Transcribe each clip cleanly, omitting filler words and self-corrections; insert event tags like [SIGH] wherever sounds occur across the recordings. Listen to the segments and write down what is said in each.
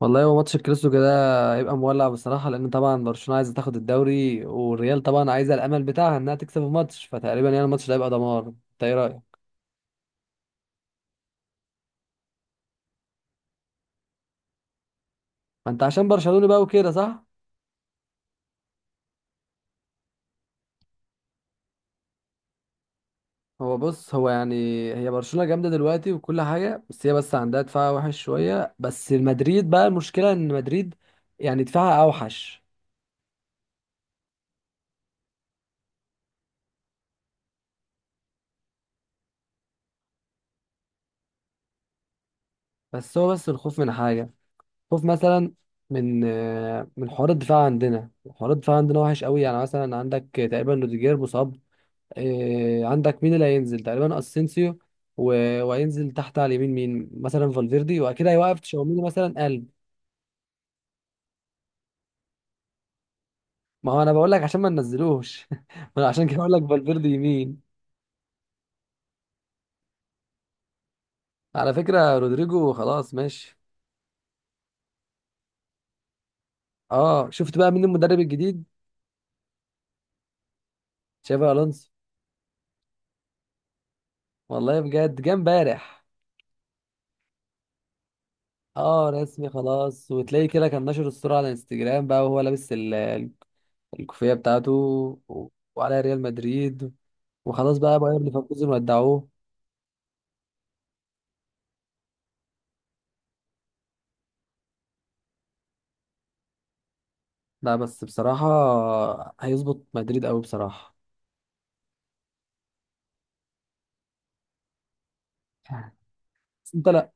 والله هو ماتش الكلاسيكو ده هيبقى مولع بصراحة، لأن طبعا برشلونة عايزة تاخد الدوري، والريال طبعا عايزة الأمل بتاعها إنها تكسب الماتش، فتقريبا يعني الماتش ده هيبقى دمار. أنت إيه رأيك؟ ما أنت عشان برشلونة بقى وكده، صح؟ هو بص، هو يعني هي برشلونة جامدة دلوقتي وكل حاجة، بس هي بس عندها دفاع وحش شوية، بس مدريد بقى المشكلة. إن مدريد يعني دفاعها أوحش. بس هو بس الخوف من حاجة، خوف مثلا من حوار الدفاع عندنا. وحش قوي. يعني مثلا عندك تقريبا روديجير مصاب، إيه، عندك مين اللي هينزل؟ تقريبا اسينسيو، و- وهينزل تحت على اليمين، مين مثلا؟ فالفيردي، وأكيد هيوقف تشاوميني مثلا قلب. ما هو انا بقول لك عشان ما ننزلوش [LAUGHS] ما أنا عشان كده بقول لك فالفيردي يمين. على فكرة رودريجو خلاص ماشي. اه، شفت بقى مين المدرب الجديد؟ تشافي الونسو. والله بجد، جه امبارح. اه رسمي خلاص، وتلاقيه كده كان نشر الصورة على الانستجرام بقى، وهو لابس الكوفية بتاعته، و- وعلى ريال مدريد. وخلاص بقى بايرن ليفركوزن ودعوه. لا بس بصراحة هيظبط مدريد قوي بصراحة. بس انت لا،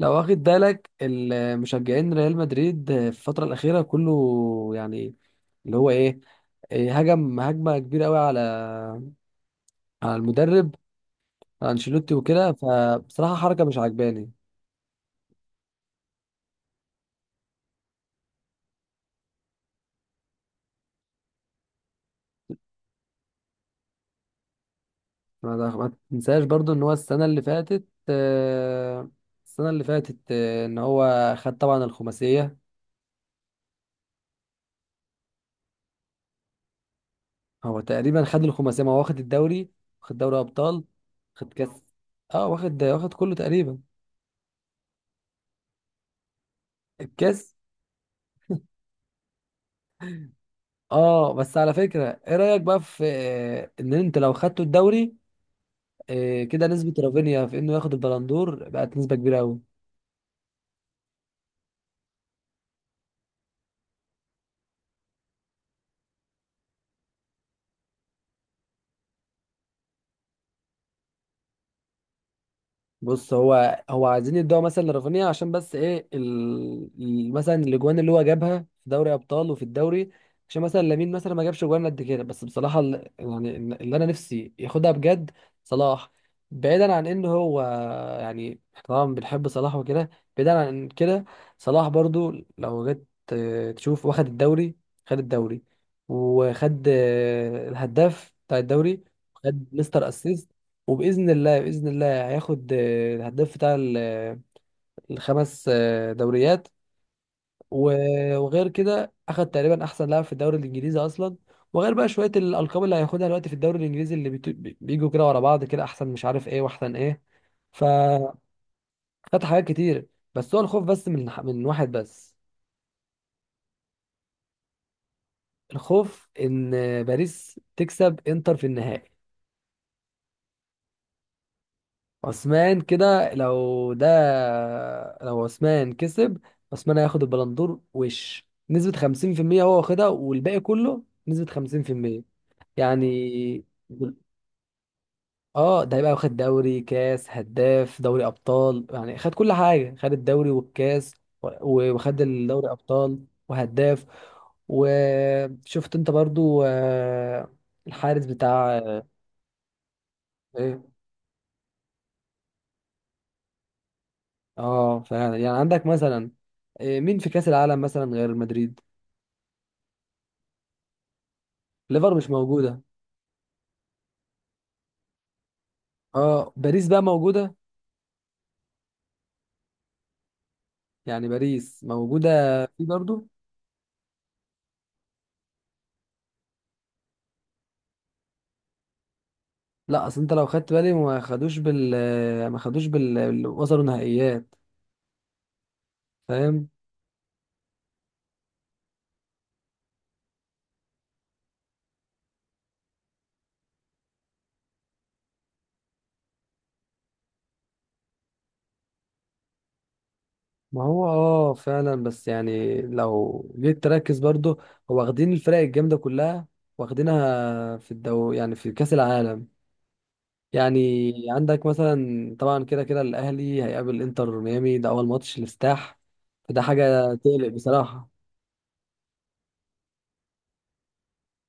لو واخد بالك، المشجعين ريال مدريد في الفترة الأخيرة كله يعني اللي هو ايه، هجم هجمة كبيرة قوي على على المدرب، على انشيلوتي وكده، فبصراحة حركة مش عجباني. ما تنساش برضو ان هو السنة اللي فاتت، السنة اللي فاتت ان هو خد طبعا الخماسية. هو تقريبا خد الخماسية، ما هو واخد الدوري، واخد دوري أبطال، واخد كأس. اه، واخد كله تقريبا. الكاس. اه، بس على فكرة، ايه رأيك بقى في ان انت لو خدته الدوري كده نسبة رافينيا في انه ياخد البلندور بقت نسبة كبيرة قوي. بص، هو عايزين يدوها مثلا لرافينيا، عشان بس ايه مثلا الاجوان اللي هو جابها في دوري ابطال وفي الدوري، عشان مثلا لامين مثلا ما جابش اجوان قد كده. بس بصراحه يعني اللي انا نفسي ياخدها بجد صلاح. بعيدا عن ان هو يعني، إحنا طبعا بنحب صلاح وكده، بعيدا عن كده صلاح برضو لو جيت تشوف، واخد الدوري، خد الدوري، وخد الهداف بتاع الدوري، وخد مستر اسيست، وباذن الله باذن الله هياخد الهداف بتاع الخمس دوريات. وغير كده اخد تقريبا احسن لاعب في الدوري الانجليزي اصلا. وغير بقى شويه الالقاب اللي هياخدها دلوقتي في الدوري الانجليزي اللي بيجوا كده ورا بعض، كده احسن مش عارف ايه واحسن ايه. فخد حاجات كتير. بس هو الخوف بس من واحد بس. الخوف ان باريس تكسب انتر في النهائي. عثمان، كده لو ده، لو عثمان كسب، عثمان هياخد البلندور، وش نسبة 50% هو واخدها، والباقي كله نسبة 50% يعني. اه، ده هيبقى واخد دوري كاس هداف دوري أبطال، يعني خد كل حاجة، خد الدوري والكاس، وخد الدوري أبطال وهداف. وشفت انت برضو الحارس بتاع آه، اه فعلا، يعني عندك مثلا، مين في كأس العالم مثلا غير مدريد؟ ليفر مش موجودة. اه باريس بقى موجودة، يعني باريس موجودة في برضو. لا، اصل انت لو خدت بالي ما خدوش بال، وصلوا نهائيات، فاهم. ما هو اه فعلا، بس يعني لو جيت تركز برضو هو واخدين الفرق الجامدة كلها، واخدينها في الدو يعني في كأس العالم. يعني عندك مثلا طبعا كده كده الاهلي هيقابل انتر ميامي، ده اول ماتش الافتتاح. فده حاجه تقلق بصراحه.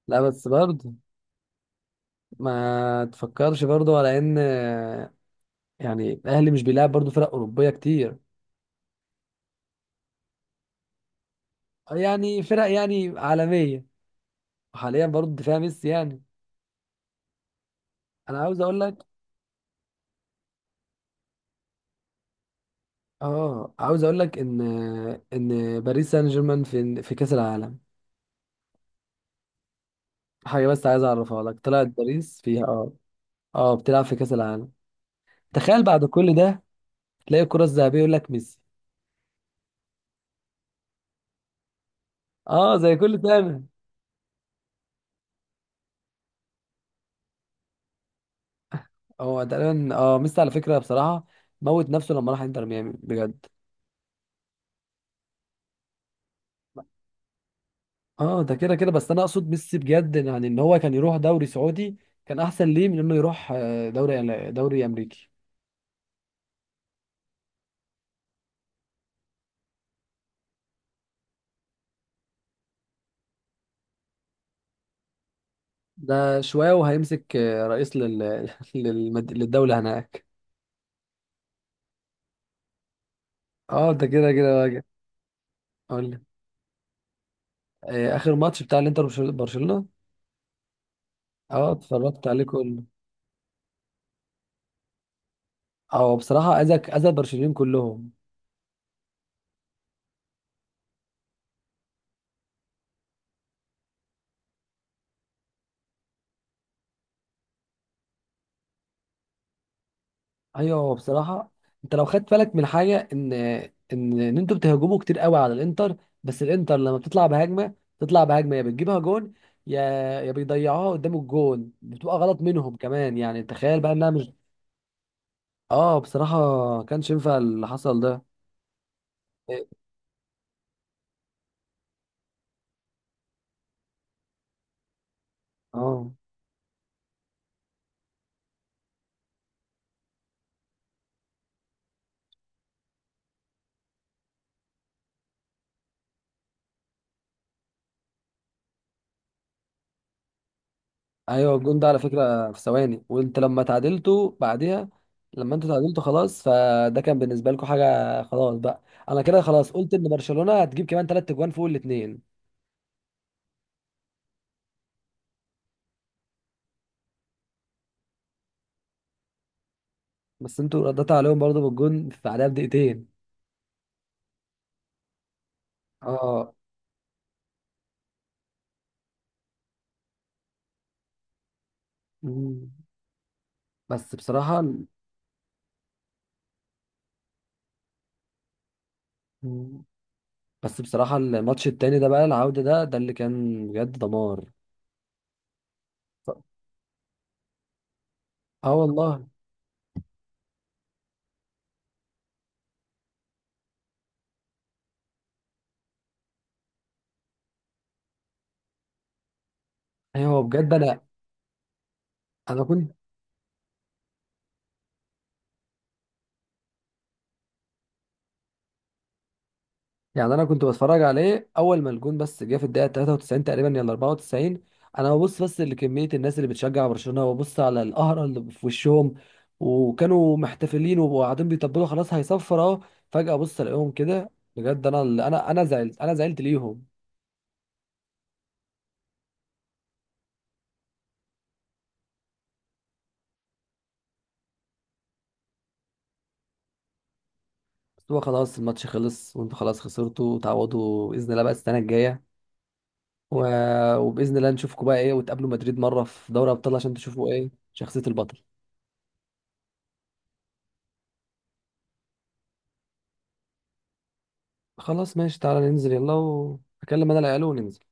لا بس برضه ما تفكرش برضه على ان يعني الاهلي مش بيلعب برضه فرق اوروبيه كتير، يعني فرق يعني عالميه. وحاليا برضه دفاع ميسي يعني. انا عاوز اقول لك، اه، عاوز اقول لك ان ان باريس سان جيرمان في كاس العالم، حاجه بس عايز اعرفها لك، طلعت باريس فيها، اه. اه بتلعب في كاس العالم. تخيل بعد كل ده تلاقي الكرة الذهبية يقول لك ميسي. اه زي كل سنة. هو تقريبا اه ميسي على فكرة، بصراحة موت نفسه لما راح انتر ميامي بجد. اه ده كده كده، بس انا اقصد ميسي بجد يعني، ان هو كان يروح دوري سعودي، كان احسن ليه من انه يروح دوري امريكي. ده شوية وهيمسك رئيس [LAUGHS] للدولة هناك. اه ده كده كده بقى. اقول لك اخر ماتش بتاع الانتر وبرشل- برشلونة اه اتفرجت عليه كله. اه بصراحة اذى، اذى برشلونة كلهم. ايوه، هو بصراحه انت لو خدت بالك من حاجه ان انتوا بتهاجموا كتير قوي على الانتر، بس الانتر لما بتطلع بهجمه يا بتجيبها جون، يا، يا بيضيعوها قدام الجون، بتبقى غلط منهم كمان، يعني تخيل بقى انها مش. اه بصراحه كانش ينفع اللي حصل ده. إيه، اه ايوه، الجون ده على فكره في ثواني، وانت لما تعادلتوا بعدها، لما انتوا تعادلتوا خلاص، فده كان بالنسبه لكم حاجه خلاص بقى. انا كده خلاص قلت ان برشلونه هتجيب كمان ثلاث اجوان فوق الاثنين. بس انتوا رديتوا عليهم برضه بالجون في بعدها بدقيقتين. اه. مم. بس بصراحة مم. بس بصراحة الماتش التاني ده بقى العودة، ده اللي كان بجد دمار. اه والله، ايوه بجد انا، انا كنت يعني انا كنت بتفرج عليه اول ما الجون بس جه في الدقيقه 93 تقريبا، يلا 94. انا ببص بس لكميه الناس اللي بتشجع برشلونه، وببص على القهره اللي في وشهم، وكانوا محتفلين وقاعدين بيطبلوا خلاص هيصفر اهو، فجاه ببص الاقيهم كده. بجد انا زعلت، ليهم بس هو خلاص الماتش خلص، وانتوا خلاص خسرتوا، تعوضوا باذن الله بقى السنه الجايه، و... وباذن الله نشوفكم بقى ايه، وتقابلوا مدريد مره في دوري ابطال عشان تشوفوا ايه شخصيه البطل. خلاص ماشي، تعالى ننزل يلا، اكلم انا العيال وننزل.